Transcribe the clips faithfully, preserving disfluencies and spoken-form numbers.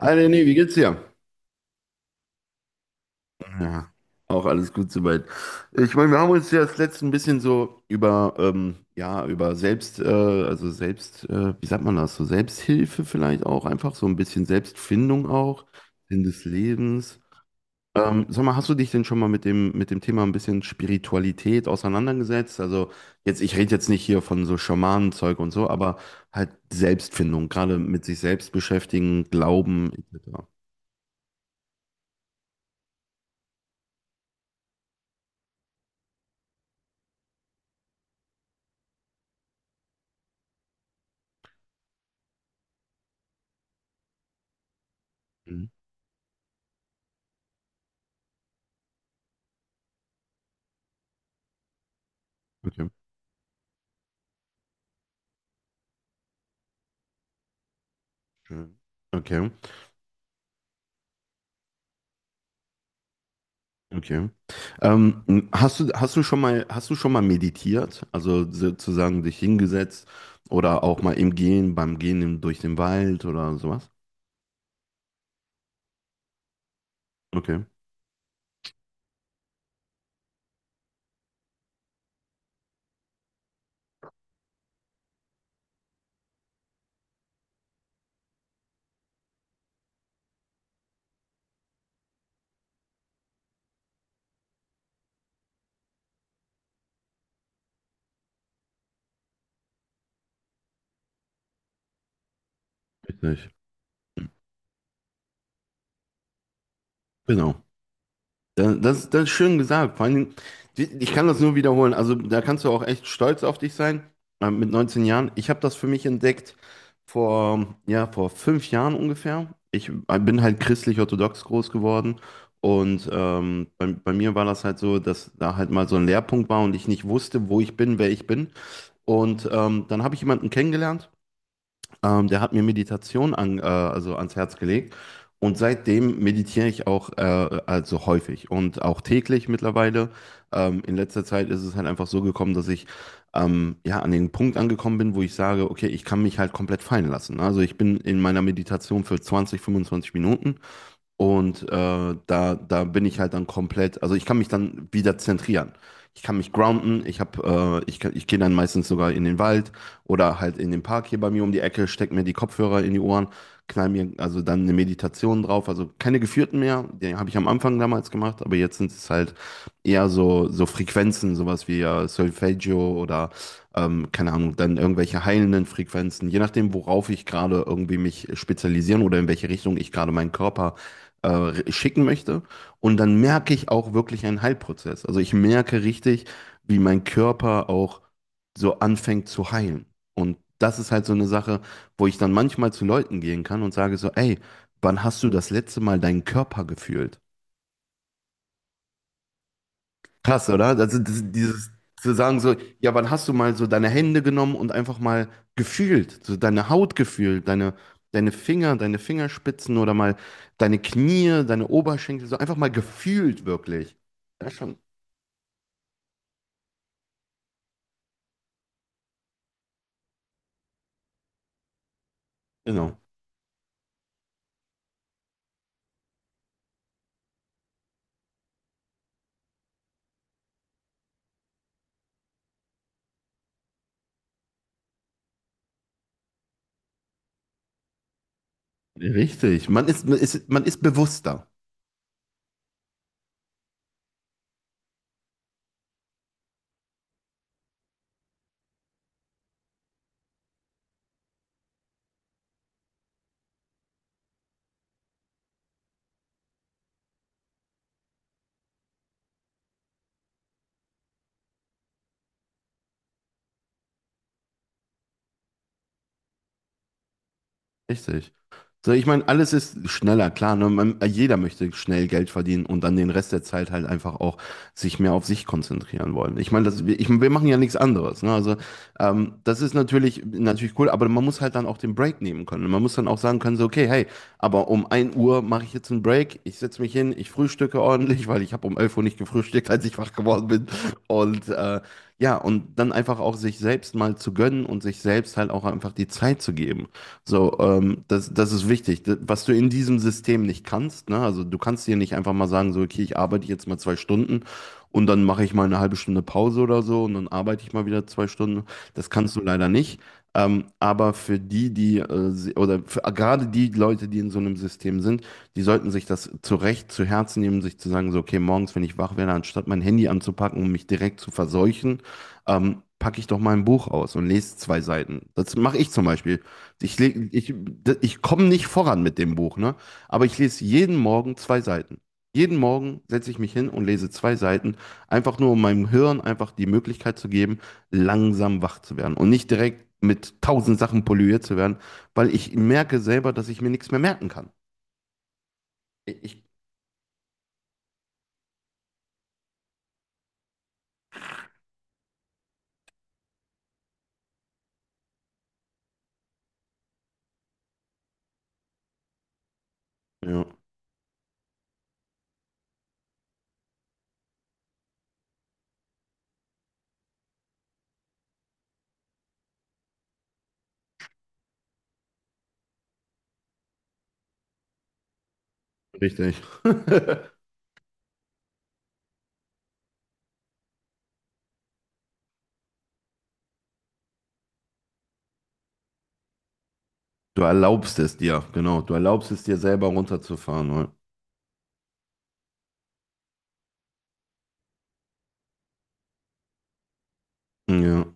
Hi Lenny, wie geht's dir? Ja, auch alles gut soweit. Ich meine, wir haben uns ja das letzte ein bisschen so über, ähm, ja, über Selbst, äh, also Selbst, äh, wie sagt man das, so Selbsthilfe vielleicht auch, einfach so ein bisschen Selbstfindung auch, Sinn des Lebens. Ähm, sag mal, hast du dich denn schon mal mit dem, mit dem Thema ein bisschen Spiritualität auseinandergesetzt? Also jetzt, ich rede jetzt nicht hier von so Schamanenzeug und so, aber halt Selbstfindung, gerade mit sich selbst beschäftigen, Glauben et cetera. Mhm. Mhm. Okay, okay. Ähm, m- hast du, hast du schon mal, hast du schon mal meditiert? Also sozusagen dich hingesetzt oder auch mal im Gehen, beim Gehen im- durch den Wald oder sowas? Okay, richtig. Genau. Das, das, das ist schön gesagt. Vor allen Dingen, die- ich kann das nur wiederholen. Also da kannst du auch echt stolz auf dich sein, äh, mit neunzehn Jahren. Ich habe das für mich entdeckt vor, ja, vor fünf Jahren ungefähr. Ich äh, bin halt christlich-orthodox groß geworden. Und ähm, bei, bei mir war das halt so, dass da halt mal so ein Leerpunkt war und ich nicht wusste, wo ich bin, wer ich bin. Und ähm, dann habe ich jemanden kennengelernt. Ähm, der hat mir Meditation an, äh, also ans Herz gelegt und seitdem meditiere ich auch äh, also häufig und auch täglich mittlerweile. Ähm, in letzter Zeit ist es halt einfach so gekommen, dass ich ähm, ja an den Punkt angekommen bin, wo ich sage, okay, ich kann mich halt komplett fallen lassen. Also ich bin in meiner Meditation für zwanzig, fünfundzwanzig Minuten und äh, da, da bin ich halt dann komplett, also ich kann mich dann wieder zentrieren. Ich kann mich grounden, ich hab, äh, ich, kann- ich gehe dann meistens sogar in den Wald oder halt in den Park hier bei mir um die Ecke, steck mir die Kopfhörer in die Ohren, knall mir also dann eine Meditation drauf, also keine geführten mehr, die habe ich am Anfang damals gemacht, aber jetzt sind es halt eher so, so Frequenzen, sowas wie äh, Solfeggio oder ähm, keine Ahnung, dann irgendwelche heilenden Frequenzen, je nachdem, worauf ich gerade irgendwie mich spezialisieren oder in welche Richtung ich gerade meinen Körper äh, schicken möchte. Und dann merke ich auch wirklich einen Heilprozess. Also ich merke richtig, wie mein Körper auch so anfängt zu heilen. Und das ist halt so eine Sache, wo ich dann manchmal zu Leuten gehen kann und sage so, ey, wann hast du das letzte Mal deinen Körper gefühlt? Krass, oder? Also das, dieses zu sagen so, ja, wann hast du mal so deine Hände genommen und einfach mal gefühlt, so deine Haut gefühlt, deine, deine Finger, deine Fingerspitzen oder mal deine Knie, deine Oberschenkel, so einfach mal gefühlt wirklich. Ja, schon, genau. Richtig. Man ist, man ist, man ist bewusster. Richtig. So, ich meine, alles ist schneller, klar. Ne? Man, jeder möchte schnell Geld verdienen und dann den Rest der Zeit halt einfach auch sich mehr auf sich konzentrieren wollen. Ich meine, das, ich, wir machen ja nichts anderes. Ne? Also, ähm, das ist natürlich, natürlich cool, aber man muss halt dann auch den Break nehmen können. Man muss dann auch sagen können, so, okay, hey, aber um ein Uhr mache ich jetzt einen Break, ich setze mich hin, ich frühstücke ordentlich, weil ich habe um elf Uhr nicht gefrühstückt, als ich wach geworden bin. Und äh, ja, und dann einfach auch sich selbst mal zu gönnen und sich selbst halt auch einfach die Zeit zu geben. So, ähm, das, das ist wichtig. D- Was du in diesem System nicht kannst, ne? Also du kannst dir nicht einfach mal sagen, so, okay, ich arbeite jetzt mal zwei Stunden und dann mache ich mal eine halbe Stunde Pause oder so und dann arbeite ich mal wieder zwei Stunden. Das kannst du leider nicht. Ähm, aber für die, die, äh, se- oder für, äh, gerade die Leute, die in so einem System sind, die sollten sich das zu Recht zu Herzen nehmen, sich zu sagen, so, okay, morgens, wenn ich wach werde, anstatt mein Handy anzupacken und mich direkt zu verseuchen, ähm, packe ich doch mal ein Buch aus und lese zwei Seiten. Das mache ich zum Beispiel. Ich, leg- ich, Ich komme nicht voran mit dem Buch, ne? Aber ich lese jeden Morgen zwei Seiten. Jeden Morgen setze ich mich hin und lese zwei Seiten, einfach nur um meinem Hirn einfach die Möglichkeit zu geben, langsam wach zu werden und nicht direkt mit tausend Sachen polluiert zu werden, weil ich merke selber, dass ich mir nichts mehr merken kann. Ich, ich, ja, richtig. Du erlaubst es dir, genau. Du erlaubst es dir selber runterzufahren. Ne? Ja.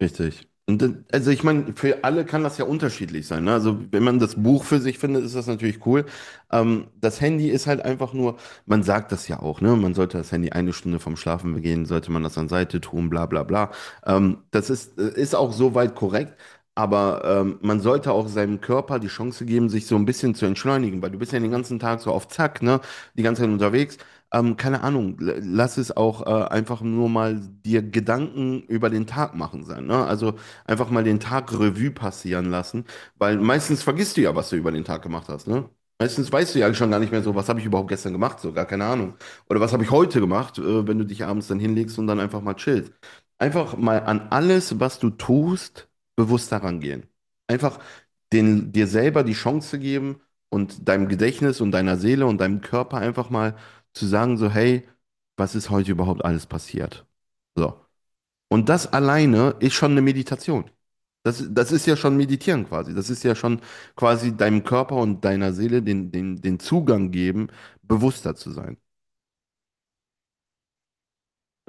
Richtig. Und dann, also ich meine, für alle kann das ja unterschiedlich sein. Ne? Also wenn man das Buch für sich findet, ist das natürlich cool. Ähm, das Handy ist halt einfach nur, man sagt das ja auch, ne? Man sollte das Handy eine Stunde vorm Schlafen gehen, sollte man das an Seite tun, bla bla bla. Ähm, das ist, äh, ist auch soweit korrekt. Aber ähm, man sollte auch seinem Körper die Chance geben, sich so ein bisschen zu entschleunigen, weil du bist ja den ganzen Tag so auf Zack, ne? Die ganze Zeit unterwegs. Ähm, keine Ahnung, l- lass es auch äh, einfach nur mal dir Gedanken über den Tag machen sein, ne? Also einfach mal den Tag Revue passieren lassen, weil meistens vergisst du ja, was du über den Tag gemacht hast, ne? Meistens weißt du ja schon gar nicht mehr so, was habe ich überhaupt gestern gemacht, so gar keine Ahnung. Oder was habe ich heute gemacht, äh, wenn du dich abends dann hinlegst und dann einfach mal chillst. Einfach mal an alles, was du tust, bewusst daran gehen. Einfach den, dir selber die Chance geben und deinem Gedächtnis und deiner Seele und deinem Körper einfach mal zu sagen, so, hey, was ist heute überhaupt alles passiert? So. Und das alleine ist schon eine Meditation. Das, das ist ja schon Meditieren quasi. Das ist ja schon quasi deinem Körper und deiner Seele den, den, den Zugang geben, bewusster zu sein.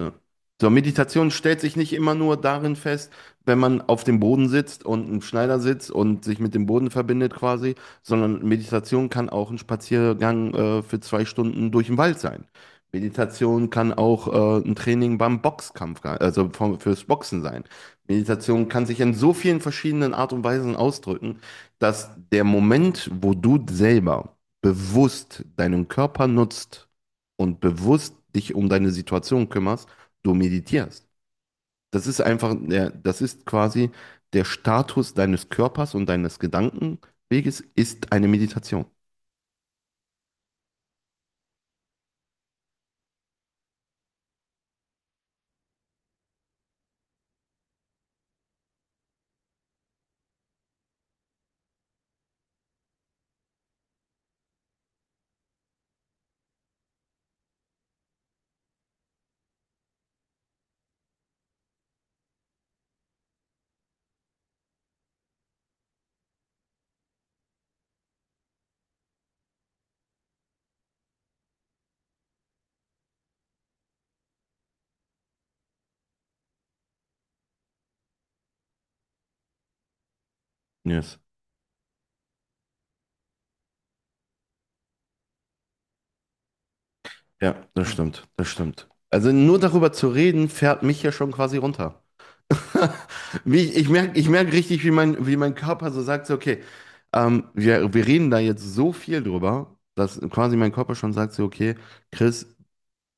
Ja. So, Meditation stellt sich nicht immer nur darin fest, wenn man auf dem Boden sitzt und im Schneidersitz und sich mit dem Boden verbindet quasi, sondern Meditation kann auch ein Spaziergang äh, für zwei Stunden durch den Wald sein. Meditation kann auch äh, ein Training beim Boxkampf, ge- also vom, fürs Boxen sein. Meditation kann sich in so vielen verschiedenen Art und Weisen ausdrücken, dass der Moment, wo du selber bewusst deinen Körper nutzt und bewusst dich um deine Situation kümmerst, du meditierst. Das ist einfach, der, das ist quasi der Status deines Körpers und deines Gedankenweges ist eine Meditation. Yes. Ja, das stimmt, das stimmt. Also nur darüber zu reden, fährt mich ja schon quasi runter. Wie ich, ich merke, Ich merk richtig, wie mein, wie mein Körper so sagt, so, okay, ähm, wir, wir reden da jetzt so viel drüber, dass quasi mein Körper schon sagt, so, okay, Chris,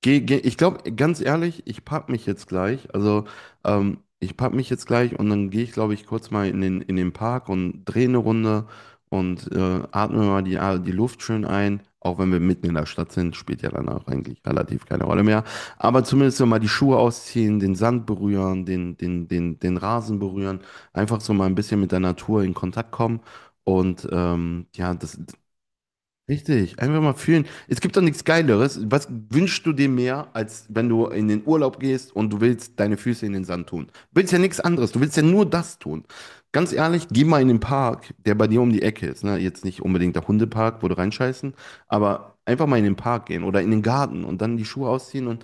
geh, geh, ich glaube, ganz ehrlich, ich pack mich jetzt gleich. Also, ähm, ich pack mich jetzt gleich und dann gehe ich, glaube ich, kurz mal in den, in den Park und drehe eine Runde und äh, atme mal die, ah, die Luft schön ein. Auch wenn wir mitten in der Stadt sind, spielt ja dann auch eigentlich relativ keine Rolle mehr. Aber zumindest so mal die Schuhe ausziehen, den Sand berühren, den, den, den, den Rasen berühren. Einfach so mal ein bisschen mit der Natur in Kontakt kommen. Und ähm, ja, das, richtig, einfach mal fühlen. Es gibt doch nichts Geileres. Was wünschst du dir mehr, als wenn du in den Urlaub gehst und du willst deine Füße in den Sand tun? Du willst ja nichts anderes, du willst ja nur das tun. Ganz ehrlich, geh mal in den Park, der bei dir um die Ecke ist. Ne? Jetzt nicht unbedingt der Hundepark, wo du reinscheißen, aber einfach mal in den Park gehen oder in den Garten und dann die Schuhe ausziehen und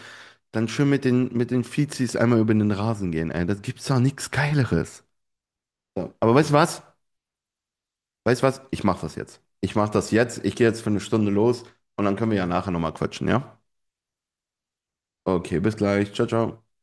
dann schön mit den, mit den Fizis einmal über den Rasen gehen. Ey, das gibt's doch nichts Geileres. Ja. Aber weißt du was? Weißt du was? Ich mache das jetzt. Ich mache das jetzt. Ich gehe jetzt für eine Stunde los und dann können wir ja nachher nochmal quatschen, ja? Okay, bis gleich. Ciao, ciao.